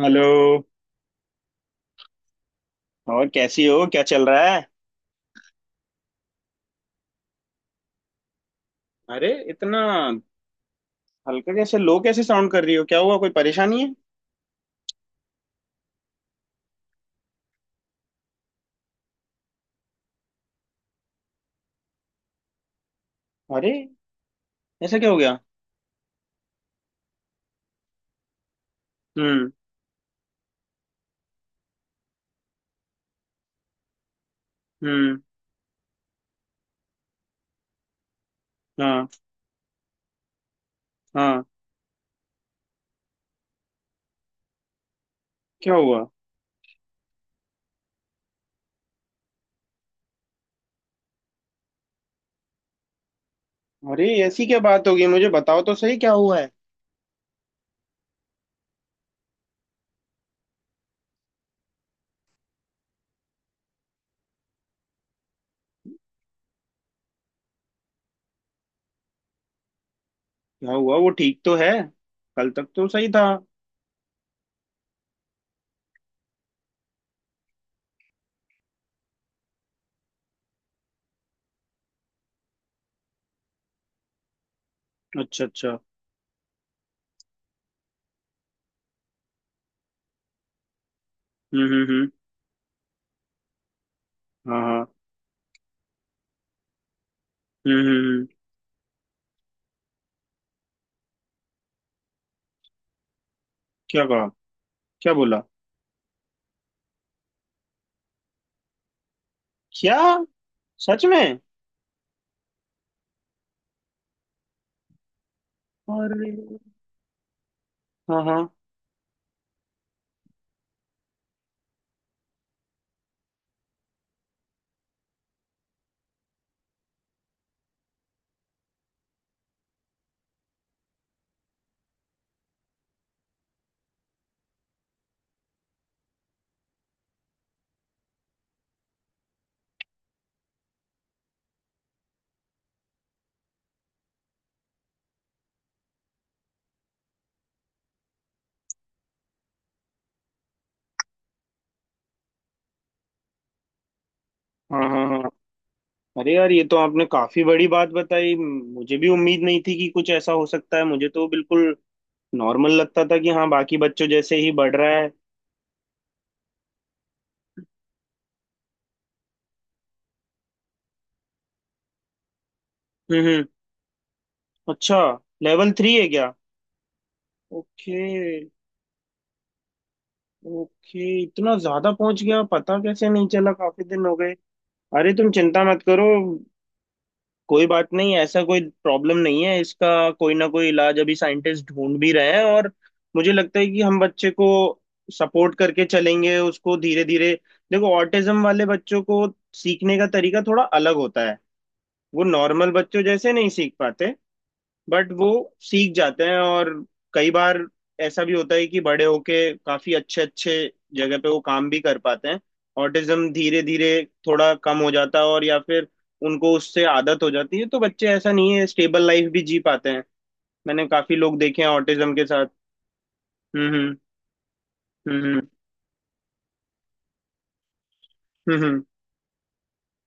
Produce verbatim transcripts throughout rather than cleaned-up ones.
Hello. और कैसी हो, क्या चल रहा है? अरे इतना हल्का कैसे लो, कैसे साउंड कर रही हो, क्या हुआ, कोई परेशानी है? अरे ऐसा क्या हो गया? हम्म। हम्म। हाँ। हाँ। क्या हुआ? अरे ऐसी क्या बात हो गई, मुझे बताओ तो सही क्या हुआ है? क्या हुआ, वो ठीक तो है? कल तक तो सही था। अच्छा अच्छा। हम्म हम्म हम्म। हाँ हाँ। हम्म हम्म हम्म। क्या कहा? क्या बोला? क्या? सच में? अरे हाँ हाँ हाँ। हाँ हाँ। अरे यार, ये तो आपने काफी बड़ी बात बताई। मुझे भी उम्मीद नहीं थी कि कुछ ऐसा हो सकता है। मुझे तो बिल्कुल नॉर्मल लगता था कि हाँ, बाकी बच्चों जैसे ही बढ़ रहा है। हम्म हम्म। अच्छा। लेवल थ्री है क्या? ओके। ओके, इतना ज्यादा पहुंच गया, पता कैसे नहीं चला, काफी दिन हो गए। अरे तुम चिंता मत करो। कोई बात नहीं, ऐसा कोई प्रॉब्लम नहीं है इसका। कोई ना कोई इलाज अभी साइंटिस्ट ढूंढ भी रहे हैं। और मुझे लगता है कि हम बच्चे को सपोर्ट करके चलेंगे उसको धीरे धीरे। देखो, ऑटिज्म वाले बच्चों को सीखने का तरीका थोड़ा अलग होता है। वो नॉर्मल बच्चों जैसे नहीं सीख पाते, बट वो सीख जाते हैं। और कई बार ऐसा भी होता है कि बड़े होके काफी अच्छे अच्छे जगह पे वो काम भी कर पाते हैं। ऑटिज्म धीरे धीरे थोड़ा कम हो जाता है, और या फिर उनको उससे आदत हो जाती है, तो बच्चे ऐसा नहीं है, स्टेबल लाइफ भी जी पाते हैं। मैंने काफी लोग देखे हैं ऑटिज्म के साथ। हम्म हम्म हम्म। हम्म हम्म,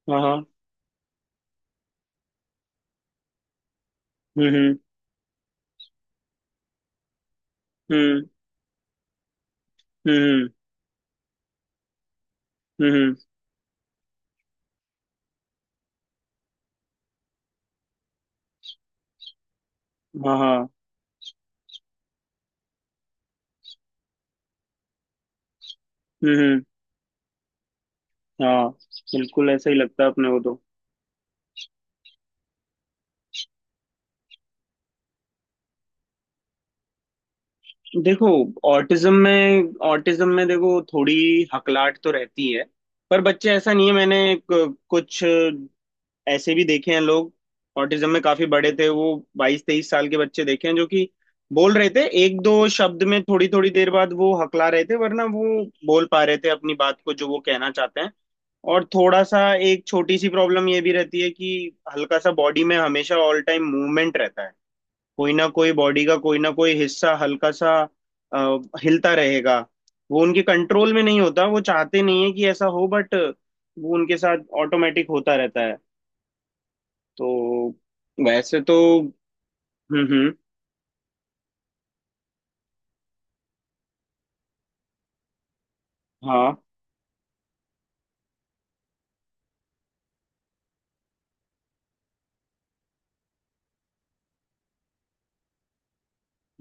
हम्म, हाँ हाँ। हम्म हम्म हम्म। हम्म हम्म, हम्म, हाँ हाँ। हम्म हम्म, हाँ। बिल्कुल ऐसा ही लगता है अपने को तो। देखो, ऑटिज्म में ऑटिज्म में देखो, थोड़ी हकलाहट तो रहती है। पर बच्चे, ऐसा नहीं है, मैंने क- कुछ ऐसे भी देखे हैं लोग ऑटिज्म में, काफी बड़े थे वो। बाईस तेईस साल के बच्चे देखे हैं जो कि बोल रहे थे एक दो शब्द में, थोड़ी थोड़ी देर बाद वो हकला रहे थे, वरना वो बोल पा रहे थे अपनी बात को, जो वो कहना चाहते हैं। और थोड़ा सा, एक छोटी सी प्रॉब्लम ये भी रहती है कि हल्का सा बॉडी में हमेशा ऑल टाइम मूवमेंट रहता है। कोई ना कोई बॉडी का कोई ना कोई हिस्सा हल्का सा अ, हिलता रहेगा। वो उनके कंट्रोल में नहीं होता, वो चाहते नहीं है कि ऐसा हो, बट वो उनके साथ ऑटोमेटिक होता रहता है। तो वैसे तो, हम्म हम्म। हाँ।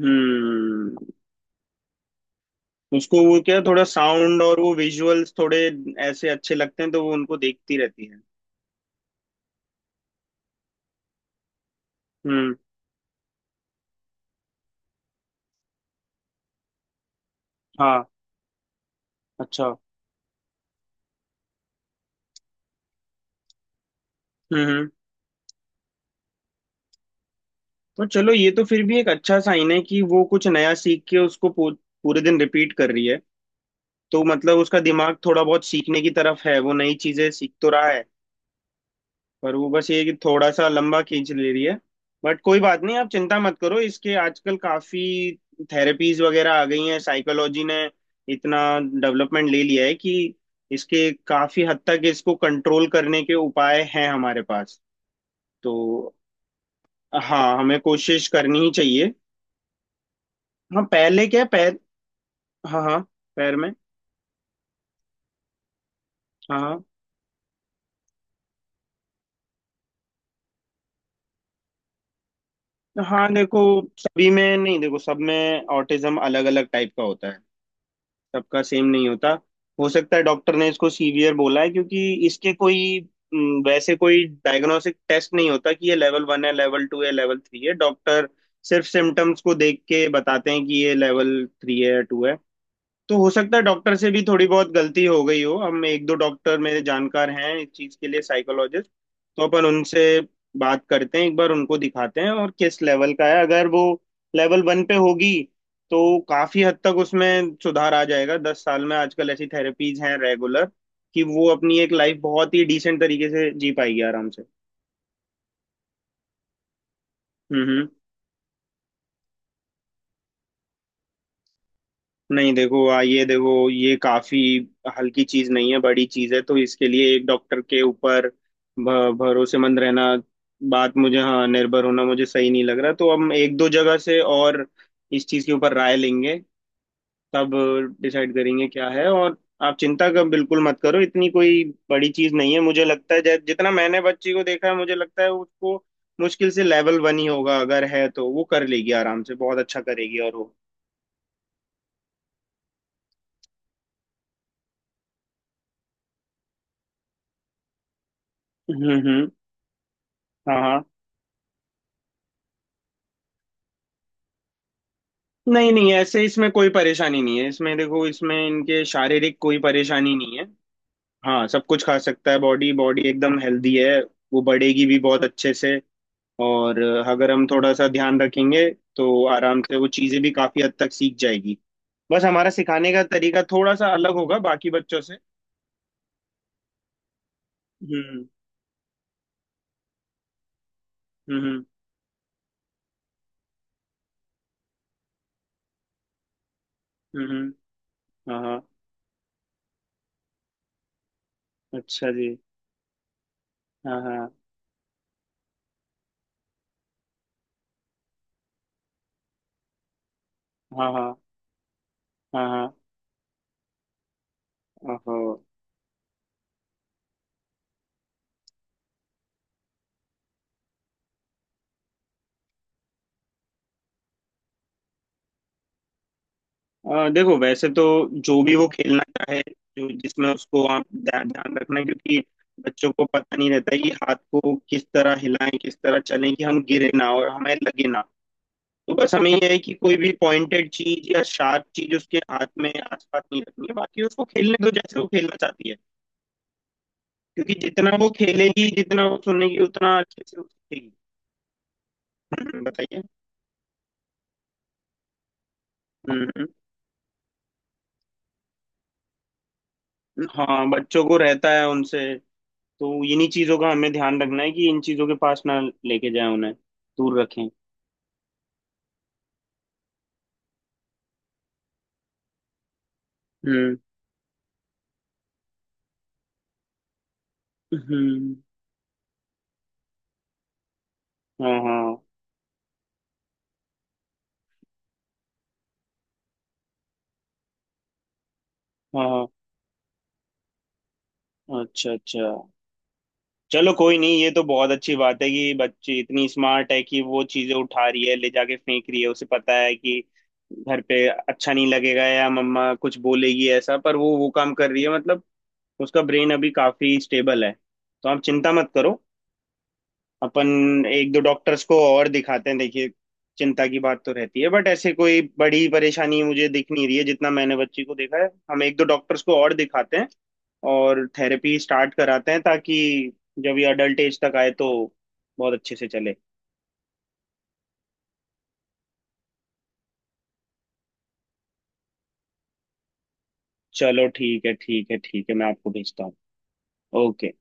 हम्म। उसको वो क्या, थोड़ा साउंड और वो विजुअल्स थोड़े ऐसे अच्छे लगते हैं, तो वो उनको देखती रहती है। हम्म। हाँ। अच्छा। हम्म हम्म। तो चलो, ये तो फिर भी एक अच्छा साइन है कि वो कुछ नया सीख के उसको पू, पूरे दिन रिपीट कर रही है। तो मतलब उसका दिमाग थोड़ा बहुत सीखने की तरफ है, वो नई चीजें सीख तो रहा है। पर वो बस ये कि थोड़ा सा लंबा खींच ले रही है। बट कोई बात नहीं, आप चिंता मत करो, इसके आजकल काफी थेरेपीज वगैरह आ गई हैं। साइकोलॉजी ने इतना डेवलपमेंट ले लिया है कि इसके काफी हद तक इसको कंट्रोल करने के उपाय हैं हमारे पास। तो हाँ, हमें कोशिश करनी ही चाहिए। हाँ पहले क्या है, पैर। हाँ हाँ, पैर में। हाँ हाँ। हाँ देखो, सभी में नहीं, देखो सब में ऑटिज्म अलग अलग टाइप का होता है, सबका सेम नहीं होता। हो सकता है डॉक्टर ने इसको सीवियर बोला है क्योंकि इसके कोई, हम्म, वैसे कोई डायग्नोस्टिक टेस्ट नहीं होता कि ये लेवल वन है, लेवल टू है, लेवल थ्री है। डॉक्टर सिर्फ सिम्टम्स को देख के बताते हैं कि ये लेवल थ्री है या टू है। तो हो सकता है डॉक्टर से भी थोड़ी बहुत गलती हो गई हो। हम एक दो डॉक्टर मेरे जानकार हैं इस चीज के लिए, साइकोलॉजिस्ट। तो अपन उनसे बात करते हैं, एक बार उनको दिखाते हैं, और किस लेवल का है। अगर वो लेवल वन पे होगी तो काफी हद तक उसमें सुधार आ जाएगा दस साल में। आजकल ऐसी थेरेपीज हैं रेगुलर कि वो अपनी एक लाइफ बहुत ही डिसेंट तरीके से जी पाएगी आराम से। हम्म हम्म। नहीं देखो, आ ये देखो, ये काफी हल्की चीज नहीं है, बड़ी चीज है। तो इसके लिए एक डॉक्टर के ऊपर भ- भरोसेमंद रहना, बात मुझे, हाँ, निर्भर होना मुझे सही नहीं लग रहा। तो हम एक दो जगह से और इस चीज के ऊपर राय लेंगे, तब डिसाइड करेंगे क्या है। और आप चिंता का बिल्कुल मत करो, इतनी कोई बड़ी चीज नहीं है मुझे लगता है। जै- जितना मैंने बच्ची को देखा है मुझे लगता है उसको मुश्किल से लेवल वन ही होगा। अगर है तो वो कर लेगी आराम से, बहुत अच्छा करेगी। और वो, हम्म हम्म। हाँ। नहीं नहीं, ऐसे इसमें कोई परेशानी नहीं है, इसमें देखो, इसमें इनके शारीरिक कोई परेशानी नहीं है। हाँ सब कुछ खा सकता है, बॉडी बॉडी एकदम हेल्दी है। वो बढ़ेगी भी बहुत अच्छे से। और अगर हम थोड़ा सा ध्यान रखेंगे तो आराम से वो चीज़ें भी काफ़ी हद तक सीख जाएगी। बस हमारा सिखाने का तरीका थोड़ा सा अलग होगा बाकी बच्चों से। हम्म हम्म। हम्म हम्म, हाँ हाँ। अच्छा जी, हाँ हाँ। हाँ हाँ। हाँ हाँ। ओहो। अ, देखो वैसे तो जो भी वो खेलना चाहे, जो जिसमें उसको, आप ध्यान ध्यान रखना है, क्योंकि बच्चों को पता नहीं रहता है कि हाथ को किस तरह हिलाएं, किस तरह चलें कि हम गिरे ना और हमें लगे ना। तो बस हमें यह है कि कोई भी पॉइंटेड चीज या शार्प चीज उसके हाथ में आसपास नहीं रखनी है, बाकी उसको खेलने दो जैसे वो खेलना चाहती है। क्योंकि जितना वो खेलेगी, जितना वो सुनेगी, उतना अच्छे से वो सीखेगी। हम्म, बताइए। हम्म, हम्म। हाँ बच्चों को रहता है उनसे। तो इन्हीं चीजों का हमें ध्यान रखना है कि इन चीजों के पास ना लेके जाए उन्हें, दूर रखें। हम्म हम्म। हाँ हाँ। हाँ हाँ। अच्छा अच्छा। चलो कोई नहीं, ये तो बहुत अच्छी बात है कि बच्ची इतनी स्मार्ट है कि वो चीजें उठा रही है, ले जाके फेंक रही है, उसे पता है कि घर पे अच्छा नहीं लगेगा या मम्मा कुछ बोलेगी ऐसा, पर वो वो काम कर रही है, मतलब उसका ब्रेन अभी काफी स्टेबल है। तो आप चिंता मत करो। अपन एक दो डॉक्टर्स को और दिखाते हैं, देखिए चिंता की बात तो रहती है, बट ऐसे कोई बड़ी परेशानी मुझे दिख नहीं रही है जितना मैंने बच्ची को देखा है। हम एक दो डॉक्टर्स को और दिखाते हैं और थेरेपी स्टार्ट कराते हैं ताकि जब ये अडल्ट एज तक आए तो बहुत अच्छे से चले। चलो ठीक है ठीक है ठीक है, मैं आपको भेजता हूँ। ओके।